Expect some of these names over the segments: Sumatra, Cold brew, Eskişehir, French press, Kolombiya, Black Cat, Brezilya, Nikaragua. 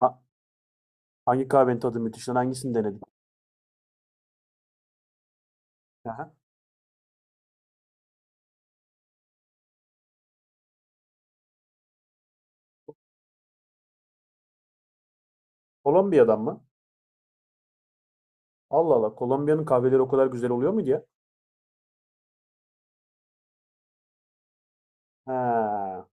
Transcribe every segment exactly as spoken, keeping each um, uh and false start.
Ha- hangi kahvenin tadı müthiş lan? Hangisini denedin? Aha. Kolombiya'dan mı? Allah Allah. Kolombiya'nın kahveleri o kadar güzel oluyor muydu ya? Ha.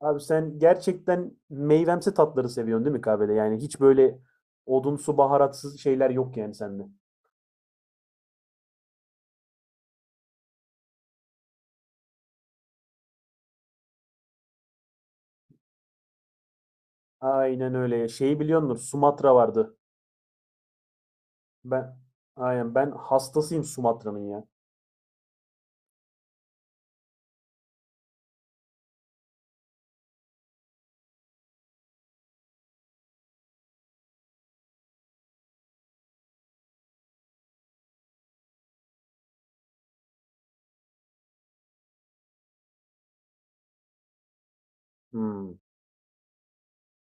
Abi sen gerçekten meyvemsi tatları seviyorsun, değil mi, kahvede? Yani hiç böyle odunsu baharatsız şeyler yok yani sende. Aynen öyle. Şeyi biliyorsunuz, Sumatra vardı. Ben aynen ben hastasıyım Sumatra'nın ya. Hmm.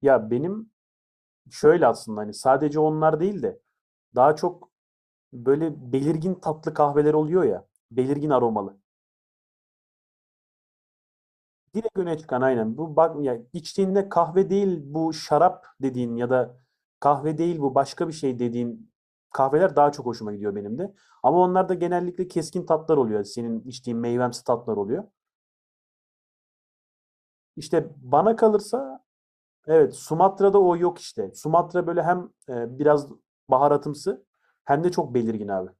Ya benim şöyle aslında hani sadece onlar değil de daha çok böyle belirgin tatlı kahveler oluyor ya. Belirgin aromalı. Direkt öne çıkan aynen. Bu bak ya, içtiğinde kahve değil bu şarap dediğin ya da kahve değil bu başka bir şey dediğin kahveler daha çok hoşuma gidiyor benim de. Ama onlar da genellikle keskin tatlar oluyor. Senin içtiğin meyvemsi tatlar oluyor. İşte bana kalırsa evet, Sumatra'da o yok işte. Sumatra böyle hem e, biraz baharatımsı hem de çok belirgin abi.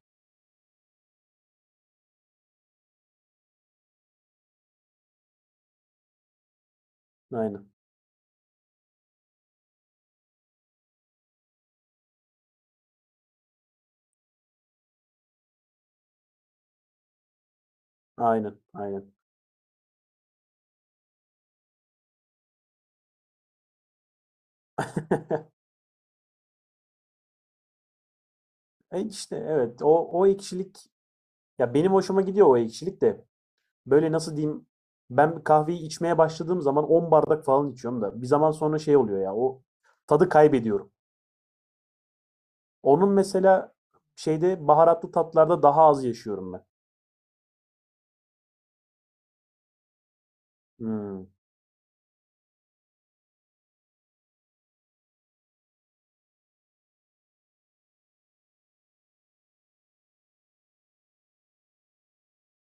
Aynen. Aynen. Aynen. E işte evet, o o ekşilik ya, benim hoşuma gidiyor o ekşilik de. Böyle nasıl diyeyim? Ben kahveyi içmeye başladığım zaman on bardak falan içiyorum da bir zaman sonra şey oluyor ya, o tadı kaybediyorum. Onun mesela şeyde baharatlı tatlarda daha az yaşıyorum ben. Hmm,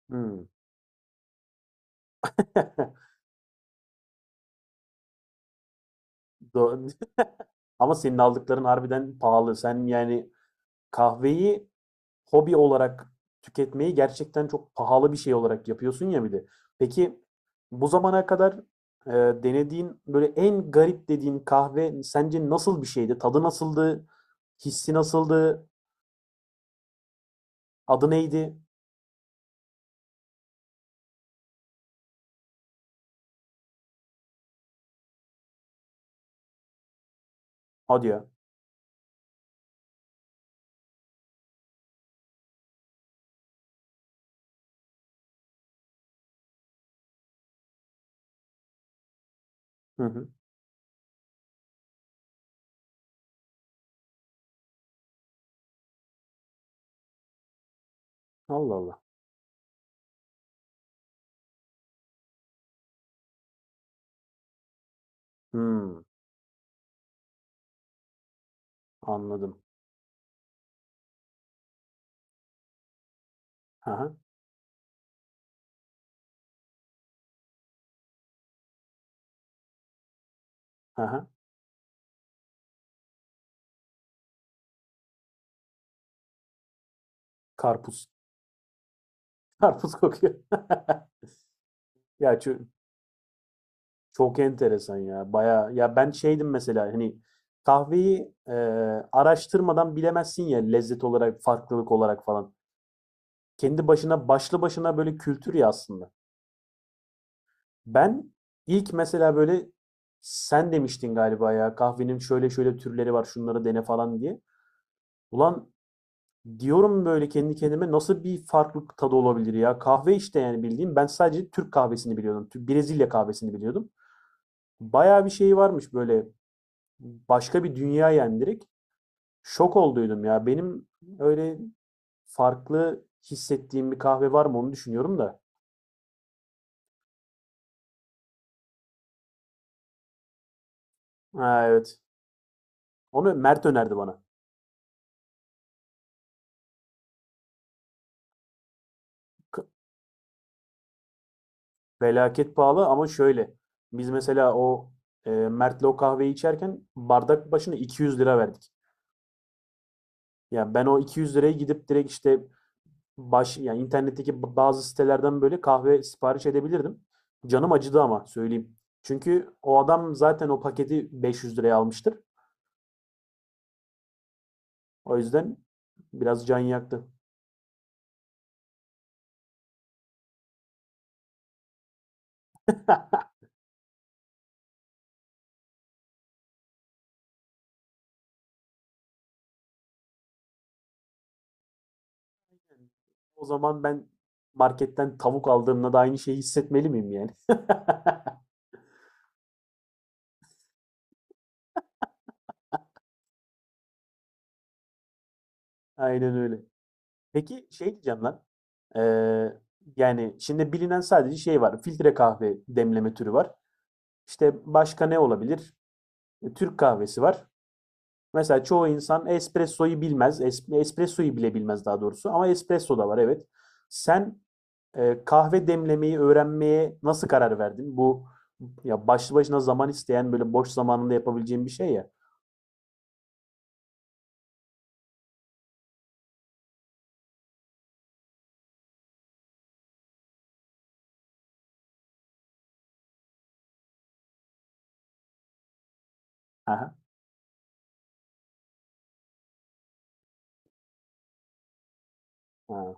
hmm. Do- Ama senin aldıkların harbiden pahalı. Sen yani kahveyi hobi olarak tüketmeyi gerçekten çok pahalı bir şey olarak yapıyorsun ya bir de. Peki bu zamana kadar e, denediğin böyle en garip dediğin kahve sence nasıl bir şeydi? Tadı nasıldı? Hissi nasıldı? Adı neydi? Hadi ya. Hı hı. Allah Allah. Hmm, anladım. Aha, aha. Karpuz. Karpuz kokuyor. Ya çö- Çok enteresan ya. Bayağı ya, ben şeydim mesela hani kahveyi e, araştırmadan bilemezsin ya, lezzet olarak, farklılık olarak falan. Kendi başına başlı başına böyle kültür ya aslında. Ben ilk mesela böyle sen demiştin galiba ya kahvenin şöyle şöyle türleri var, şunları dene falan diye. Ulan diyorum böyle kendi kendime, nasıl bir farklılık tadı olabilir ya? Kahve işte yani bildiğim ben sadece Türk kahvesini biliyordum. Tü- Brezilya kahvesini biliyordum. Bayağı bir şey varmış böyle, başka bir dünya yani. Şok olduydum ya. Benim öyle farklı hissettiğim bir kahve var mı onu düşünüyorum da. Ha, evet. Onu Mert önerdi bana. K- Felaket pahalı ama şöyle. Biz mesela o e, Mert'le o kahveyi içerken bardak başına iki yüz lira verdik. Ya ben o iki yüz liraya gidip direkt işte baş yani internetteki ba- bazı sitelerden böyle kahve sipariş edebilirdim. Canım acıdı ama söyleyeyim. Çünkü o adam zaten o paketi beş yüz liraya almıştır. O yüzden biraz can yaktı. O zaman ben marketten tavuk aldığımda da aynı şeyi hissetmeli miyim yani? Aynen öyle. Peki şey diyeceğim lan. Ee, yani şimdi bilinen sadece şey var. Filtre kahve demleme türü var. İşte başka ne olabilir? E, Türk kahvesi var. Mesela çoğu insan espressoyu bilmez. Es- espressoyu bile bilmez daha doğrusu. Ama espresso da var, evet. Sen Ee, kahve demlemeyi öğrenmeye nasıl karar verdin? Bu ya başlı başına zaman isteyen böyle boş zamanında yapabileceğin bir şey ya. Aha. Ha.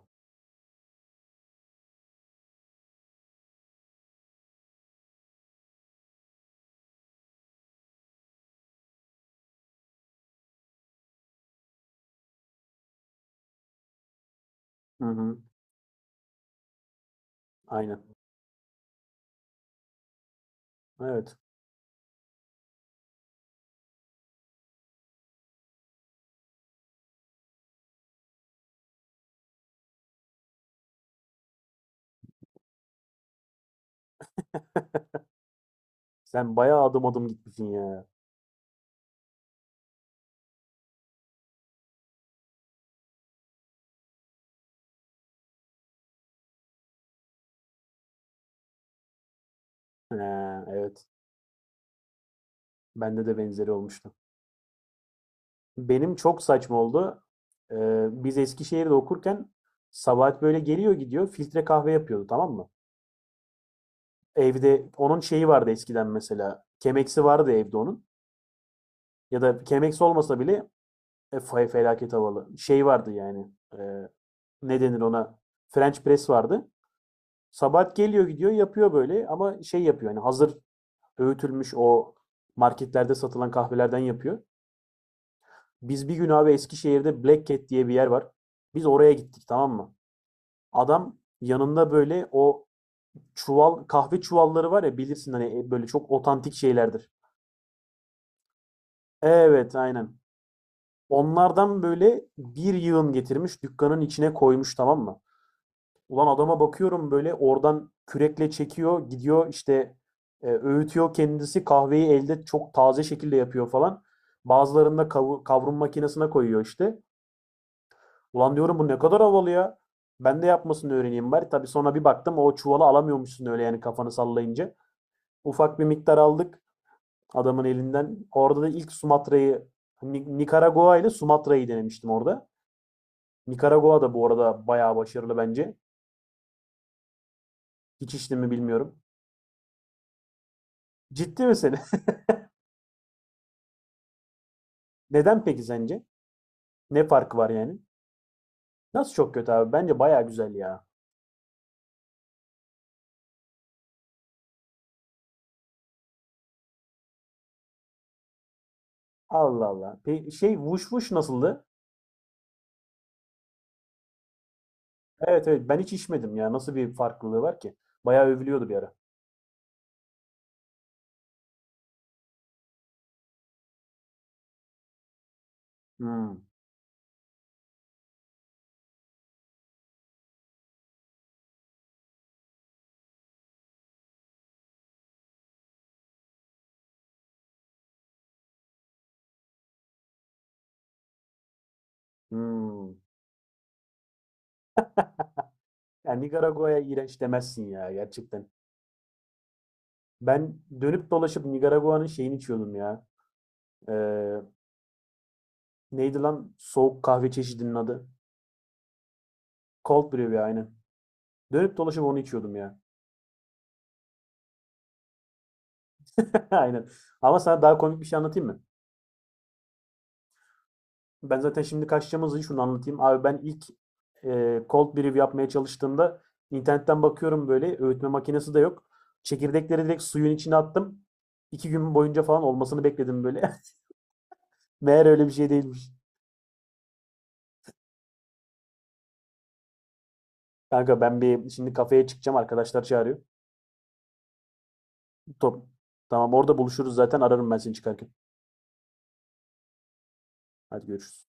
Hı hı. Aynen. Evet. Sen bayağı adım adım gitmişsin ya. Ee, evet. Bende de benzeri olmuştu. Benim çok saçma oldu. Ee, biz Eskişehir'de okurken Sabahat böyle geliyor gidiyor filtre kahve yapıyordu, tamam mı? Evde onun şeyi vardı eskiden mesela. Kemeksi vardı evde onun. Ya da kemeksi olmasa bile e, fe- felaket havalı. Şey vardı yani. e, ne denir ona? French press vardı. Sabahat geliyor gidiyor yapıyor böyle ama şey yapıyor yani hazır öğütülmüş o marketlerde satılan kahvelerden yapıyor. Biz bir gün abi Eskişehir'de Black Cat diye bir yer var. Biz oraya gittik, tamam mı? Adam yanında böyle o çuval, kahve çuvalları var ya, bilirsin hani, e, böyle çok otantik şeylerdir. Evet, aynen. Onlardan böyle bir yığın getirmiş, dükkanın içine koymuş, tamam mı? Ulan adama bakıyorum böyle, oradan kürekle çekiyor gidiyor işte, e, öğütüyor kendisi kahveyi elde çok taze şekilde yapıyor falan. Bazılarını da kavu- kavrum makinesine koyuyor işte. Ulan diyorum bu ne kadar havalı ya. Ben de yapmasını öğreneyim bari. Tabii sonra bir baktım o çuvalı alamıyormuşsun öyle yani kafanı sallayınca. Ufak bir miktar aldık adamın elinden. Orada da ilk Sumatra'yı Nikaragua ile Sumatra'yı denemiştim orada. Nikaragua da bu arada bayağı başarılı bence. Hiç içtim mi bilmiyorum. Ciddi misin? Neden peki sence? Ne farkı var yani? Nasıl çok kötü abi? Bence bayağı güzel ya. Allah Allah. Pe şey vuş vuş nasıldı? Evet, evet, ben hiç içmedim ya. Nasıl bir farklılığı var ki? Bayağı övülüyordu bir ara. Hmm. Hmm. Yani Nikaragua'ya iğrenç demezsin ya gerçekten. Ben dönüp dolaşıp Nikaragua'nın şeyini içiyordum ya. Eee, Neydi lan soğuk kahve çeşidinin adı? Cold brew ya, aynen. Dönüp dolaşıp onu içiyordum ya. Aynen. Ama sana daha komik bir şey anlatayım mı? Ben zaten şimdi kaçacağımız için şunu anlatayım. Abi ben ilk eee cold brew yapmaya çalıştığımda internetten bakıyorum böyle öğütme makinesi de yok. Çekirdekleri direkt suyun içine attım. İki gün boyunca falan olmasını bekledim böyle. Meğer öyle bir şey değilmiş. Kanka ben bir şimdi kafeye çıkacağım, arkadaşlar çağırıyor. Top. Tamam, orada buluşuruz zaten, ararım ben seni çıkarken. Hadi görüşürüz.